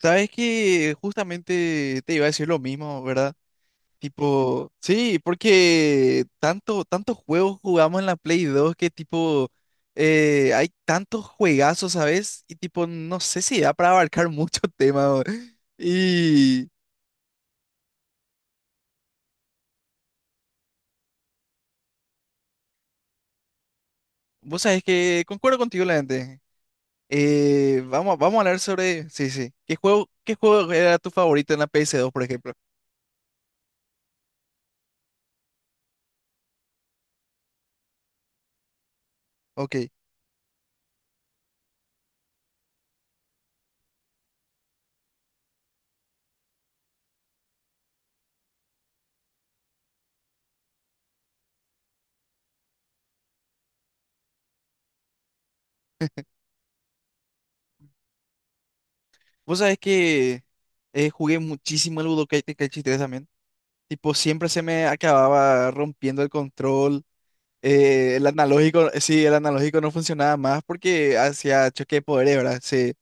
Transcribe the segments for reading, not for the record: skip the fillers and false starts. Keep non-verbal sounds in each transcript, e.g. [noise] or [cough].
Sabes que justamente te iba a decir lo mismo, ¿verdad? Tipo, sí, porque tantos juegos jugamos en la Play 2 que tipo, hay tantos juegazos, ¿sabes? Y tipo, no sé si da para abarcar mucho [laughs] tema, bro. Y vos sabés que concuerdo contigo, la gente. Vamos a hablar sobre, sí, sí. ¿Qué juego era tu favorito en la PS dos, por ejemplo? Ok. Vos sabés que jugué muchísimo el Budokai Tenkaichi 3. Tipo, siempre se me acababa rompiendo el control, el analógico, sí, el analógico no funcionaba más porque hacía choque de poderes, ¿verdad? Sí.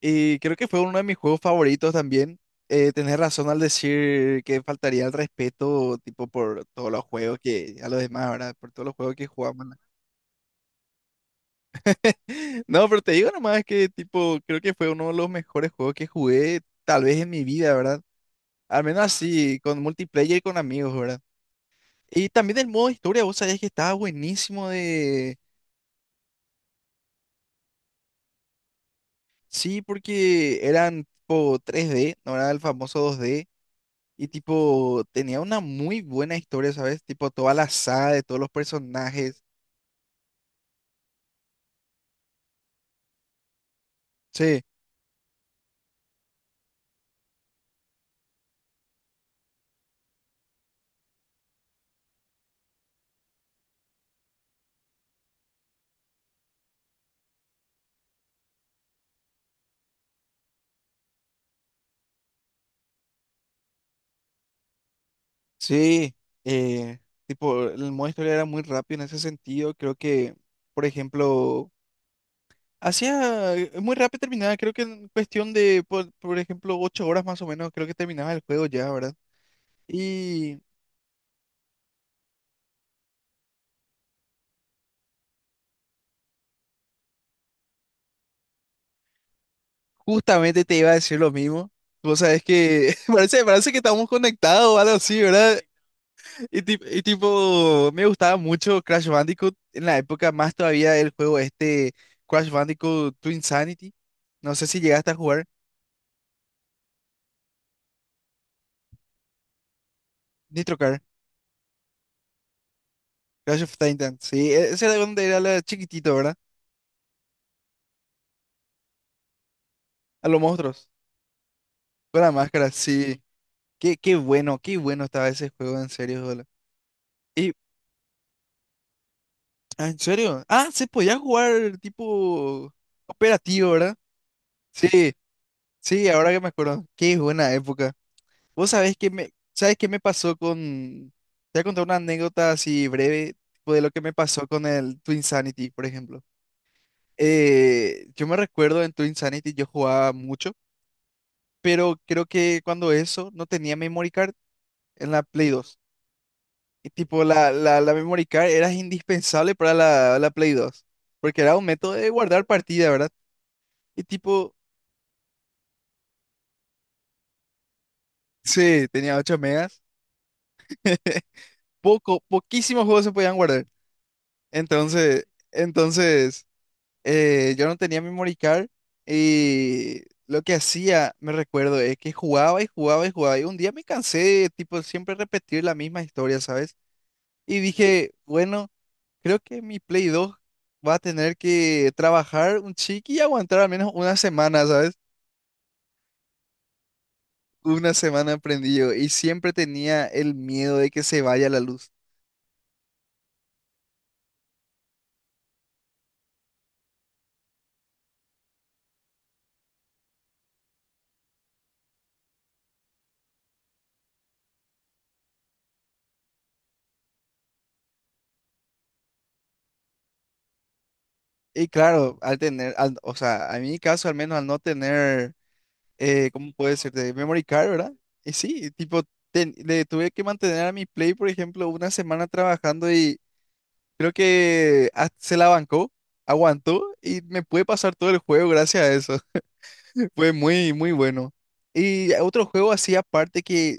Y creo que fue uno de mis juegos favoritos también. Tenés razón al decir que faltaría el respeto, tipo, por todos los juegos que, a los demás, ¿verdad? Por todos los juegos que jugamos. [laughs] ¿No? No, pero te digo nomás que, tipo, creo que fue uno de los mejores juegos que jugué, tal vez en mi vida, ¿verdad? Al menos así, con multiplayer y con amigos, ¿verdad? Y también el modo historia, vos sabías que estaba buenísimo de... Sí, porque eran tipo tres d, no era el famoso dos d. Y tipo, tenía una muy buena historia, ¿sabes? Tipo, toda la saga de todos los personajes. Sí, sí. eh, tipo, el modo historia era muy rápido en ese sentido. Creo que, por ejemplo, hacía muy rápido terminaba. Creo que en cuestión de, por ejemplo, 8 horas más o menos, creo que terminaba el juego ya, ¿verdad? y Justamente te iba a decir lo mismo. Vos sabés que [laughs] parece que estamos conectados o algo así, ¿verdad? Y tipo, me gustaba mucho Crash Bandicoot en la época, más todavía el juego este Crash Bandicoot Twin Insanity. No sé si llegaste a jugar Nitro Car, Crash of Titan. Sí, ese era donde era la chiquitito, ¿verdad? A los monstruos, con la máscara, sí. Qué bueno estaba ese juego, en serio, boludo. Y, ah, ¿en serio? Ah, se podía jugar tipo operativo, ¿verdad? Sí. Sí, ahora que me acuerdo, qué buena época. Vos sabés que me, ¿sabés qué me pasó con... Te voy a contar una anécdota así breve, tipo de lo que me pasó con el Twin Sanity, por ejemplo. Yo me recuerdo en Twin Sanity yo jugaba mucho, pero creo que cuando eso no tenía memory card en la Play dos. Y tipo la memory card era indispensable para la Play 2, porque era un método de guardar partida, ¿verdad? Y tipo, sí, tenía 8 megas. [laughs] Poco, poquísimos juegos se podían guardar. Entonces yo no tenía memory card y lo que hacía, me recuerdo, es que jugaba y jugaba y jugaba. Y un día me cansé de tipo siempre repetir la misma historia, ¿sabes? Y dije, bueno, creo que mi Play 2 va a tener que trabajar un chiqui y aguantar al menos una semana, ¿sabes? Una semana prendido y siempre tenía el miedo de que se vaya la luz. Y claro, o sea, a mi caso al menos al no tener ¿cómo puede ser? De memory card, ¿verdad? Y sí, tipo, le tuve que mantener a mi Play, por ejemplo, una semana trabajando y creo que hasta se la bancó, aguantó y me pude pasar todo el juego gracias a eso. [laughs] Fue muy, muy bueno. Y otro juego así aparte que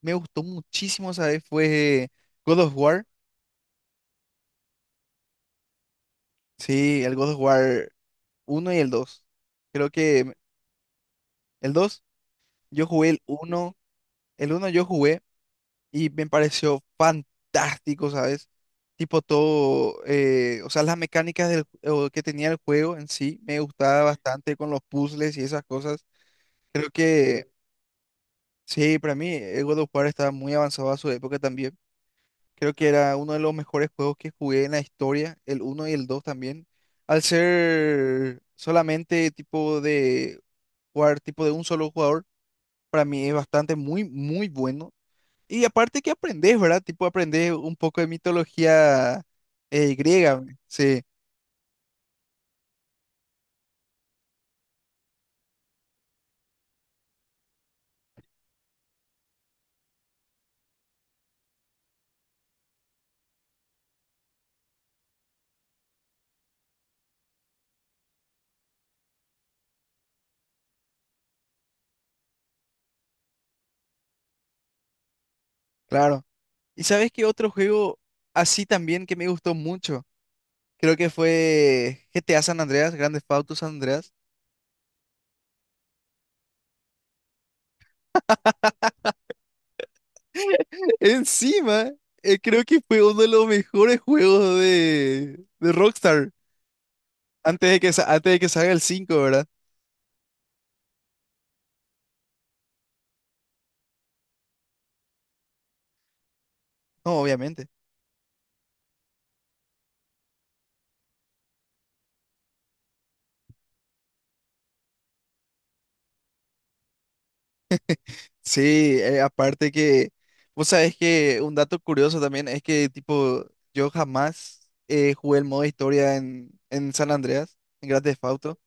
me gustó muchísimo, ¿sabes? Fue God of War. Sí, el God of War uno y el 2. Creo que el 2, yo jugué el uno yo jugué. Y me pareció fantástico, ¿sabes? Tipo todo, o sea, las mecánicas del, o que tenía el juego en sí me gustaba bastante con los puzzles y esas cosas. Creo que, sí, para mí, el God of War estaba muy avanzado a su época también. Creo que era uno de los mejores juegos que jugué en la historia, el uno y el 2 también. Al ser solamente tipo de jugar, tipo de un solo jugador, para mí es bastante muy, muy bueno. Y aparte que aprendes, ¿verdad? Tipo, aprendes un poco de mitología griega, güey. Sí, claro. ¿Y sabes qué otro juego así también que me gustó mucho? Creo que fue GTA San Andreas, Grand Theft Auto San Andreas. [laughs] Encima, creo que fue uno de los mejores juegos de Rockstar antes de que, antes de que salga el cinco, ¿verdad? No, obviamente. Sí, aparte que, vos sabés que un dato curioso también es que, tipo, yo jamás jugué el modo historia en San Andreas, en Grand Theft Auto.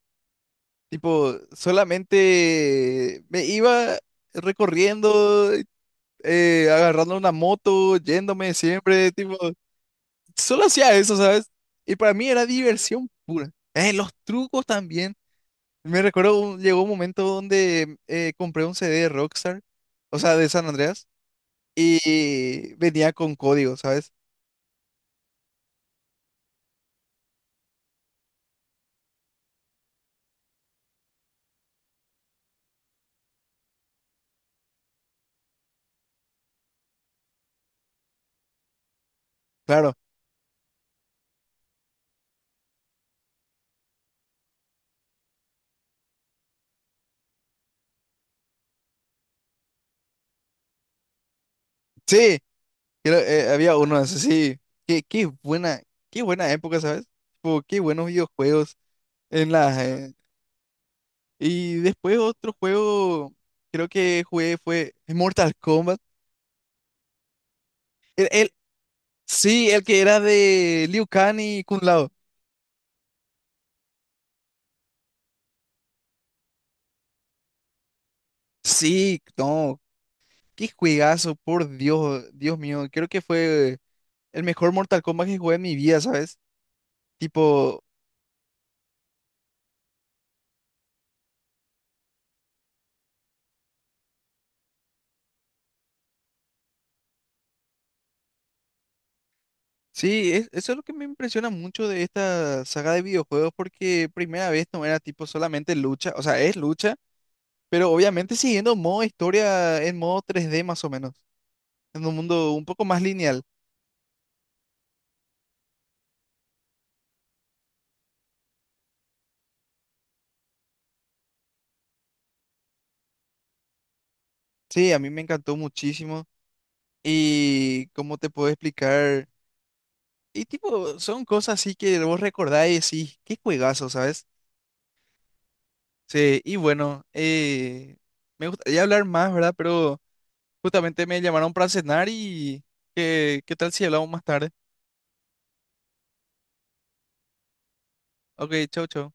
Tipo, solamente me iba recorriendo, agarrando una moto, yéndome siempre, tipo, solo hacía eso, ¿sabes? Y para mí era diversión pura. Los trucos también. Me recuerdo, llegó un momento donde compré un CD de Rockstar, o sea, de San Andreas y venía con código, ¿sabes? Claro. Sí, creo, había uno así. Qué, qué buena, qué buena época, ¿sabes? Tipo, qué buenos videojuegos en las y después otro juego, creo que jugué fue Mortal Kombat. El, el- sí, el que era de Liu Kang y Kung Lao. Sí, no, qué juegazo, por Dios, Dios mío. Creo que fue el mejor Mortal Kombat que jugué en mi vida, ¿sabes? Tipo, sí, eso es lo que me impresiona mucho de esta saga de videojuegos porque primera vez no era tipo solamente lucha, o sea, es lucha, pero obviamente siguiendo modo historia en modo 3D más o menos, en un mundo un poco más lineal. Sí, a mí me encantó muchísimo y cómo te puedo explicar, y tipo, son cosas así que vos recordás y decís, qué juegazo, ¿sabes? Sí, y bueno, me gustaría hablar más, ¿verdad? Pero justamente me llamaron para cenar y ¿qué tal si hablamos más tarde? Ok, chau, chau.